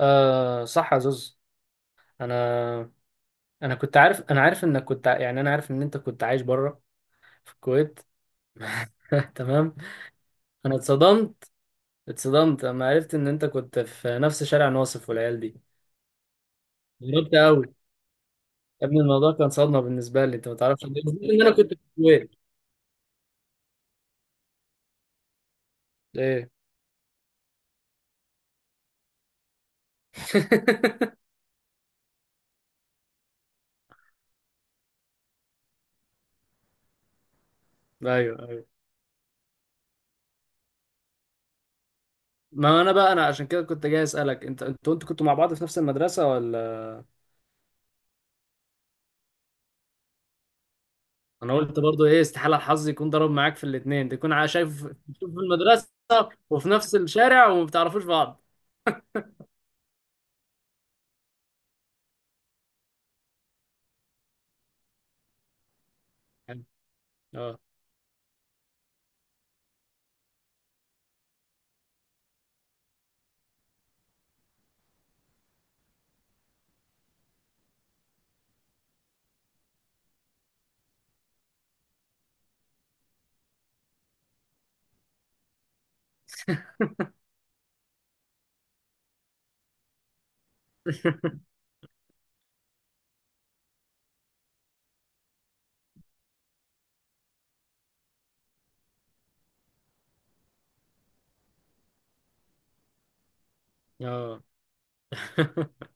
آه صح يا زوز. انا انا كنت عارف. انا عارف انك كنت ع- يعني انا عارف ان انت كنت عايش بره في الكويت. تمام. انا اتصدمت. اتصدمت لما عرفت ان انت كنت في نفس شارع ناصف والعيال دي، غربت قوي. يا ابني الموضوع كان صدمه بالنسبه لي، انت ما تعرفش إن انا كنت في الكويت. ايه؟ ايوه ايوه. ما انا بقى عشان كده كنت جاي اسالك انت، انتوا كنتوا مع بعض في نفس المدرسه ولا؟ انا قلت برضو ايه؟ استحاله الحظ يكون ضرب معاك في الاثنين، شايف تشوف في المدرسه وفي نفس الشارع وما بتعرفوش بعض. حلو. اه. اه.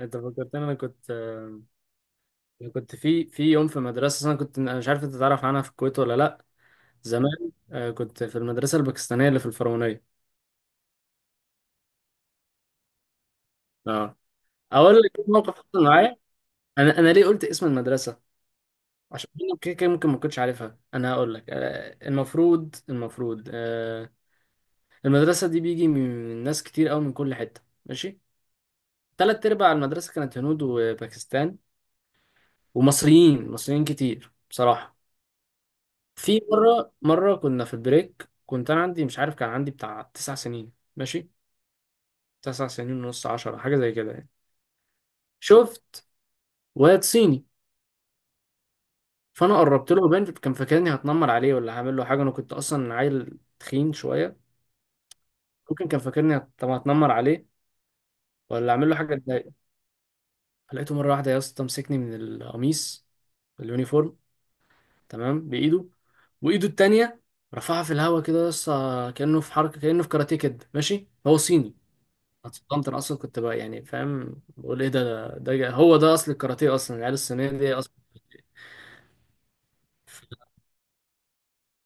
انت فكرتني انا كنت، انا كنت في يوم في مدرسه، انا كنت، انا مش عارف انت تعرف عنها في الكويت ولا لا. زمان، كنت في المدرسه الباكستانيه اللي في الفرعونيه. اه اقول لك إيه موقف حصل معايا. انا ليه قلت اسم المدرسه؟ عشان انا كده كده ممكن ما كنتش عارفها. انا هقول لك، المفروض المدرسة دي بيجي من ناس كتير قوي من كل حتة، ماشي. تلات أرباع المدرسة كانت هنود وباكستان، ومصريين، مصريين كتير بصراحة. في مرة، كنا في البريك، كنت أنا عندي، مش عارف، كان عندي بتاع تسع سنين ماشي، تسع سنين ونص، عشرة، حاجة زي كده يعني. شفت واد صيني. فأنا قربت له. باين كان فاكرني هتنمر عليه ولا هعمل له حاجة. أنا كنت أصلا عيل تخين شوية، ممكن كان فاكرني هت- طب هتنمر عليه ولا أعمل له حاجة تضايقه. فلقيته مرة واحدة يا اسطى مسكني من القميص، اليونيفورم، تمام، بايده. وايده التانية رفعها في الهواء كده، لسه كأنه في حركة، كأنه في كاراتيه كده ماشي، هو صيني. اتصدمت. انا اصلا كنت بقى يعني، فاهم، بقول ايه ده، ده هو ده اصل الكاراتيه اصلا، العيال الصينية دي اصلا.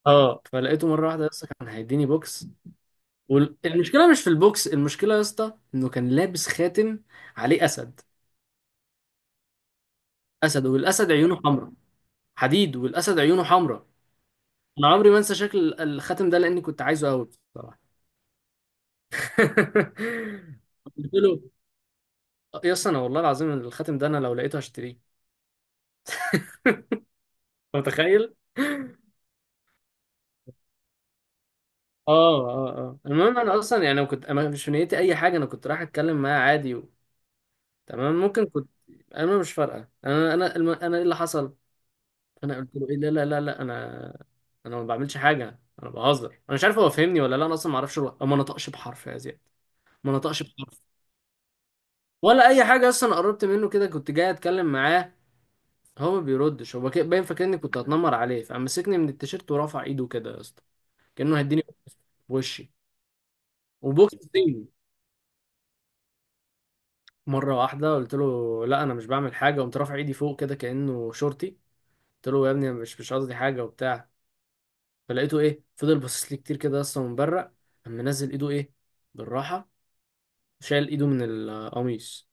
اه فلقيته مرة واحدة لسه كان هيديني بوكس. والمشكلة مش في البوكس، المشكلة يا اسطى انه كان لابس خاتم عليه اسد. اسد، والاسد عيونه حمراء. حديد، والاسد عيونه حمراء. انا عمري ما انسى شكل الخاتم ده لاني كنت عايزه قوي بصراحة. قلت له يا اسطى انا والله العظيم الخاتم ده انا لو لقيته هشتريه. أنت متخيل؟ اه اه اه. المهم انا اصلا يعني أنا كنت، انا مش في نيتي اي حاجه، انا كنت رايح اتكلم معاه عادي و... تمام، ممكن كنت، انا مش فارقه، انا ايه اللي حصل. انا قلت له ايه؟ لا لا لا لا، انا ما بعملش حاجه، انا بهزر، انا مش عارف هو فهمني ولا لا. انا اصلا ما اعرفش، ما نطقش بحرف يا زياد. ما نطقش بحرف ولا اي حاجه. اصلا قربت منه كده كنت جاي اتكلم معاه، هو ما بيردش، باين فاكرني كنت هتنمر عليه، فمسكني من التيشيرت ورفع ايده كده يا اسطى كأنه هيديني بوكس، بوشي وبوكسنج. مرة واحدة قلت له لا أنا مش بعمل حاجة، قمت رافع إيدي فوق كده كأنه شورتي. قلت له يا ابني أنا مش قصدي حاجة وبتاع. فلقيته إيه، فضل باصص لي كتير كده، أصلا مبرق. قام منزل إيده، إيه، بالراحة، شال إيده من القميص.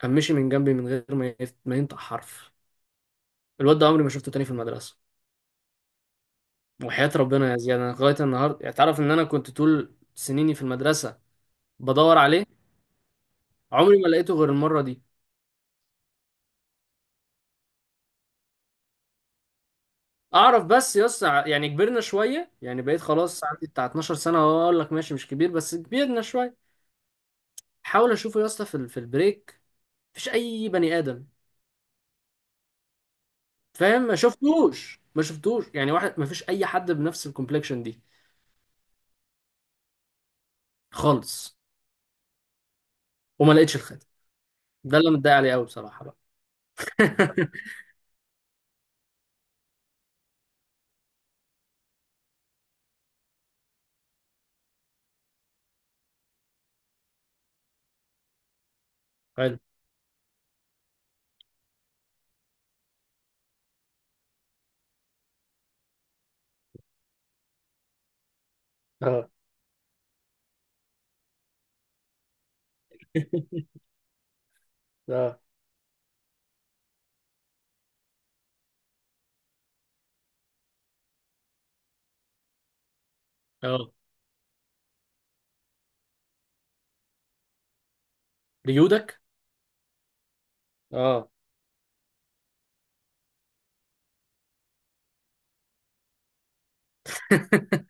قام مشي من جنبي من غير ما ما ينطق حرف. الواد ده عمري ما شفته تاني في المدرسة. وحياة ربنا يا زياد أنا لغاية النهاردة يعني تعرف إن أنا كنت طول سنيني في المدرسة بدور عليه. عمري ما لقيته غير المرة دي. اعرف بس يس، يعني كبرنا شويه، يعني بقيت خلاص عندي بتاع 12 سنه أهو، اقول لك ماشي مش كبير بس كبرنا شويه. حاول اشوفه يا اسطى في البريك، مفيش اي بني ادم. فاهم؟ ما شفتوش، ما شفتوش يعني واحد، مفيش اي حد بنفس الكومبلكشن دي خالص. وما لقيتش الخاتم، ده اللي أنا متضايق عليه قوي بصراحه بقى. حلو. اه اه اه. ريودك. اه.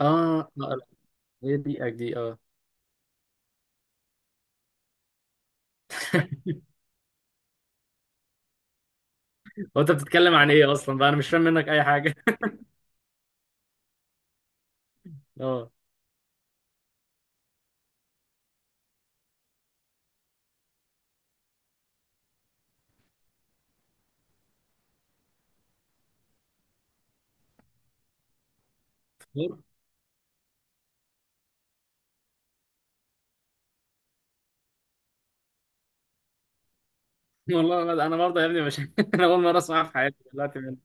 اه لا لا، هي دي اك دي، اه. هو انت بتتكلم عن ايه اصلا بقى، انا مش فاهم منك اي حاجه. اه والله لا انا برضه يا ابني مش انا اول مره اسمعها في حياتي دلوقتي من.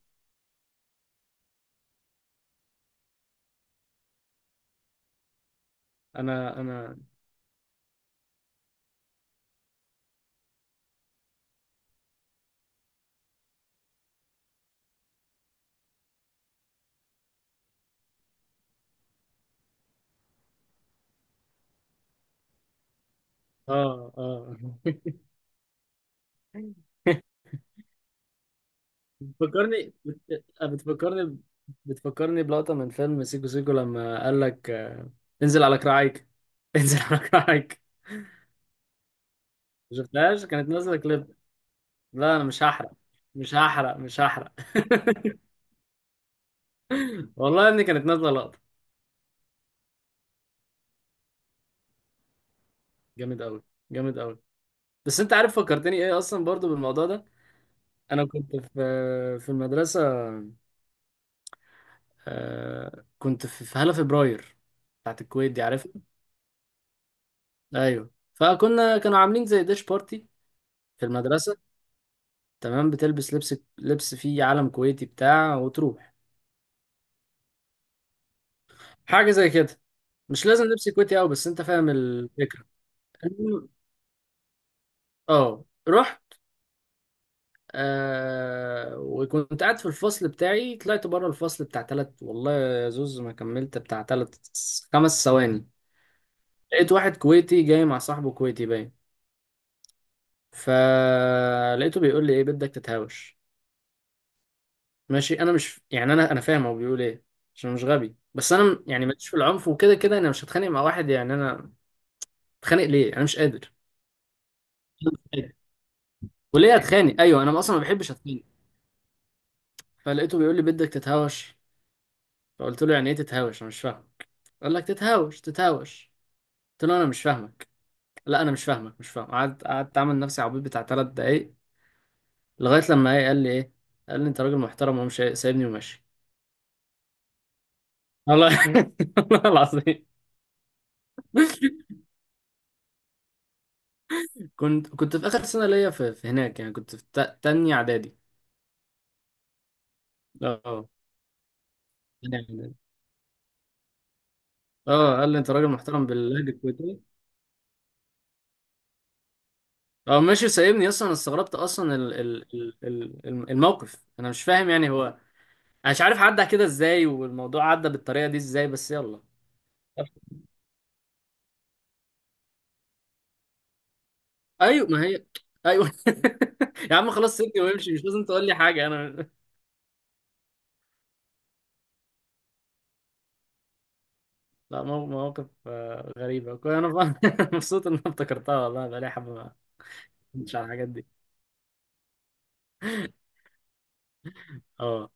انا اه اه. بتفكرني، بتفكرني بلقطه من فيلم سيكو سيكو لما قال لك، انزل على كراعيك. انزل على كراعيك. ما شفتهاش، كانت نازله كليب. لا انا مش هحرق، مش هحرق، مش هحرق. والله يا ابني كانت نازله لقطه. جامد قوي، جامد قوي. بس انت عارف فكرتني ايه اصلا برضو بالموضوع ده. انا كنت في المدرسه، آه كنت في هالة فبراير بتاعت الكويت دي، عارفها؟ ايوه، فكنا، كانوا عاملين زي ديش بارتي في المدرسة، تمام، بتلبس لبس فيه علم كويتي بتاع وتروح. حاجة زي كده، مش لازم لبس كويتي قوي، بس انت فاهم الفكرة. المهم، اه رحت، آه وكنت قاعد في الفصل بتاعي، طلعت بره الفصل بتاع تلت، والله يا زوز ما كملت بتاع تلت خمس ثواني، لقيت واحد كويتي جاي مع صاحبه كويتي باين. فلقيته بيقول لي ايه، بدك تتهاوش. ماشي انا مش يعني، انا فاهم هو بيقول ايه، عشان مش غبي، بس يعني ماليش في العنف وكده كده، انا مش هتخانق مع واحد يعني. انا اتخانق ليه؟ انا مش قادر. وليه اتخانق؟ ايوه انا اصلا ما بحبش اتخانق. فلقيته بيقول لي بدك تتهاوش. فقلت له يعني ايه تتهاوش؟ انا مش فاهم. قال لك تتهاوش تتهاوش. قلت له انا مش فاهمك، لا انا مش فاهمك، مش فاهم. قعدت اعمل نفسي عبيط بتاع ثلاث دقايق، لغايه لما ايه، قال لي ايه، قال لي انت راجل محترم ومش سايبني وماشي. والله. والله العظيم. كنت في اخر سنه ليا في هناك، يعني كنت في تانية اعدادي. اه تانية اعدادي. اه قال لي انت راجل محترم باللهجه الكويتيه. اه ماشي سايبني. اصلا انا استغربت اصلا الموقف، انا مش فاهم يعني هو، انا مش عارف عدى كده ازاي والموضوع عدى بالطريقه دي ازاي، بس يلا. ايوه ما هي، ايوه. يا عم خلاص سيبني وامشي، مش لازم تقول لي حاجه. انا لا مواقف غريبه كنت انا. مبسوط ان أنا افتكرتها والله، بقالي حبه ما كنتش على الحاجات دي. اه.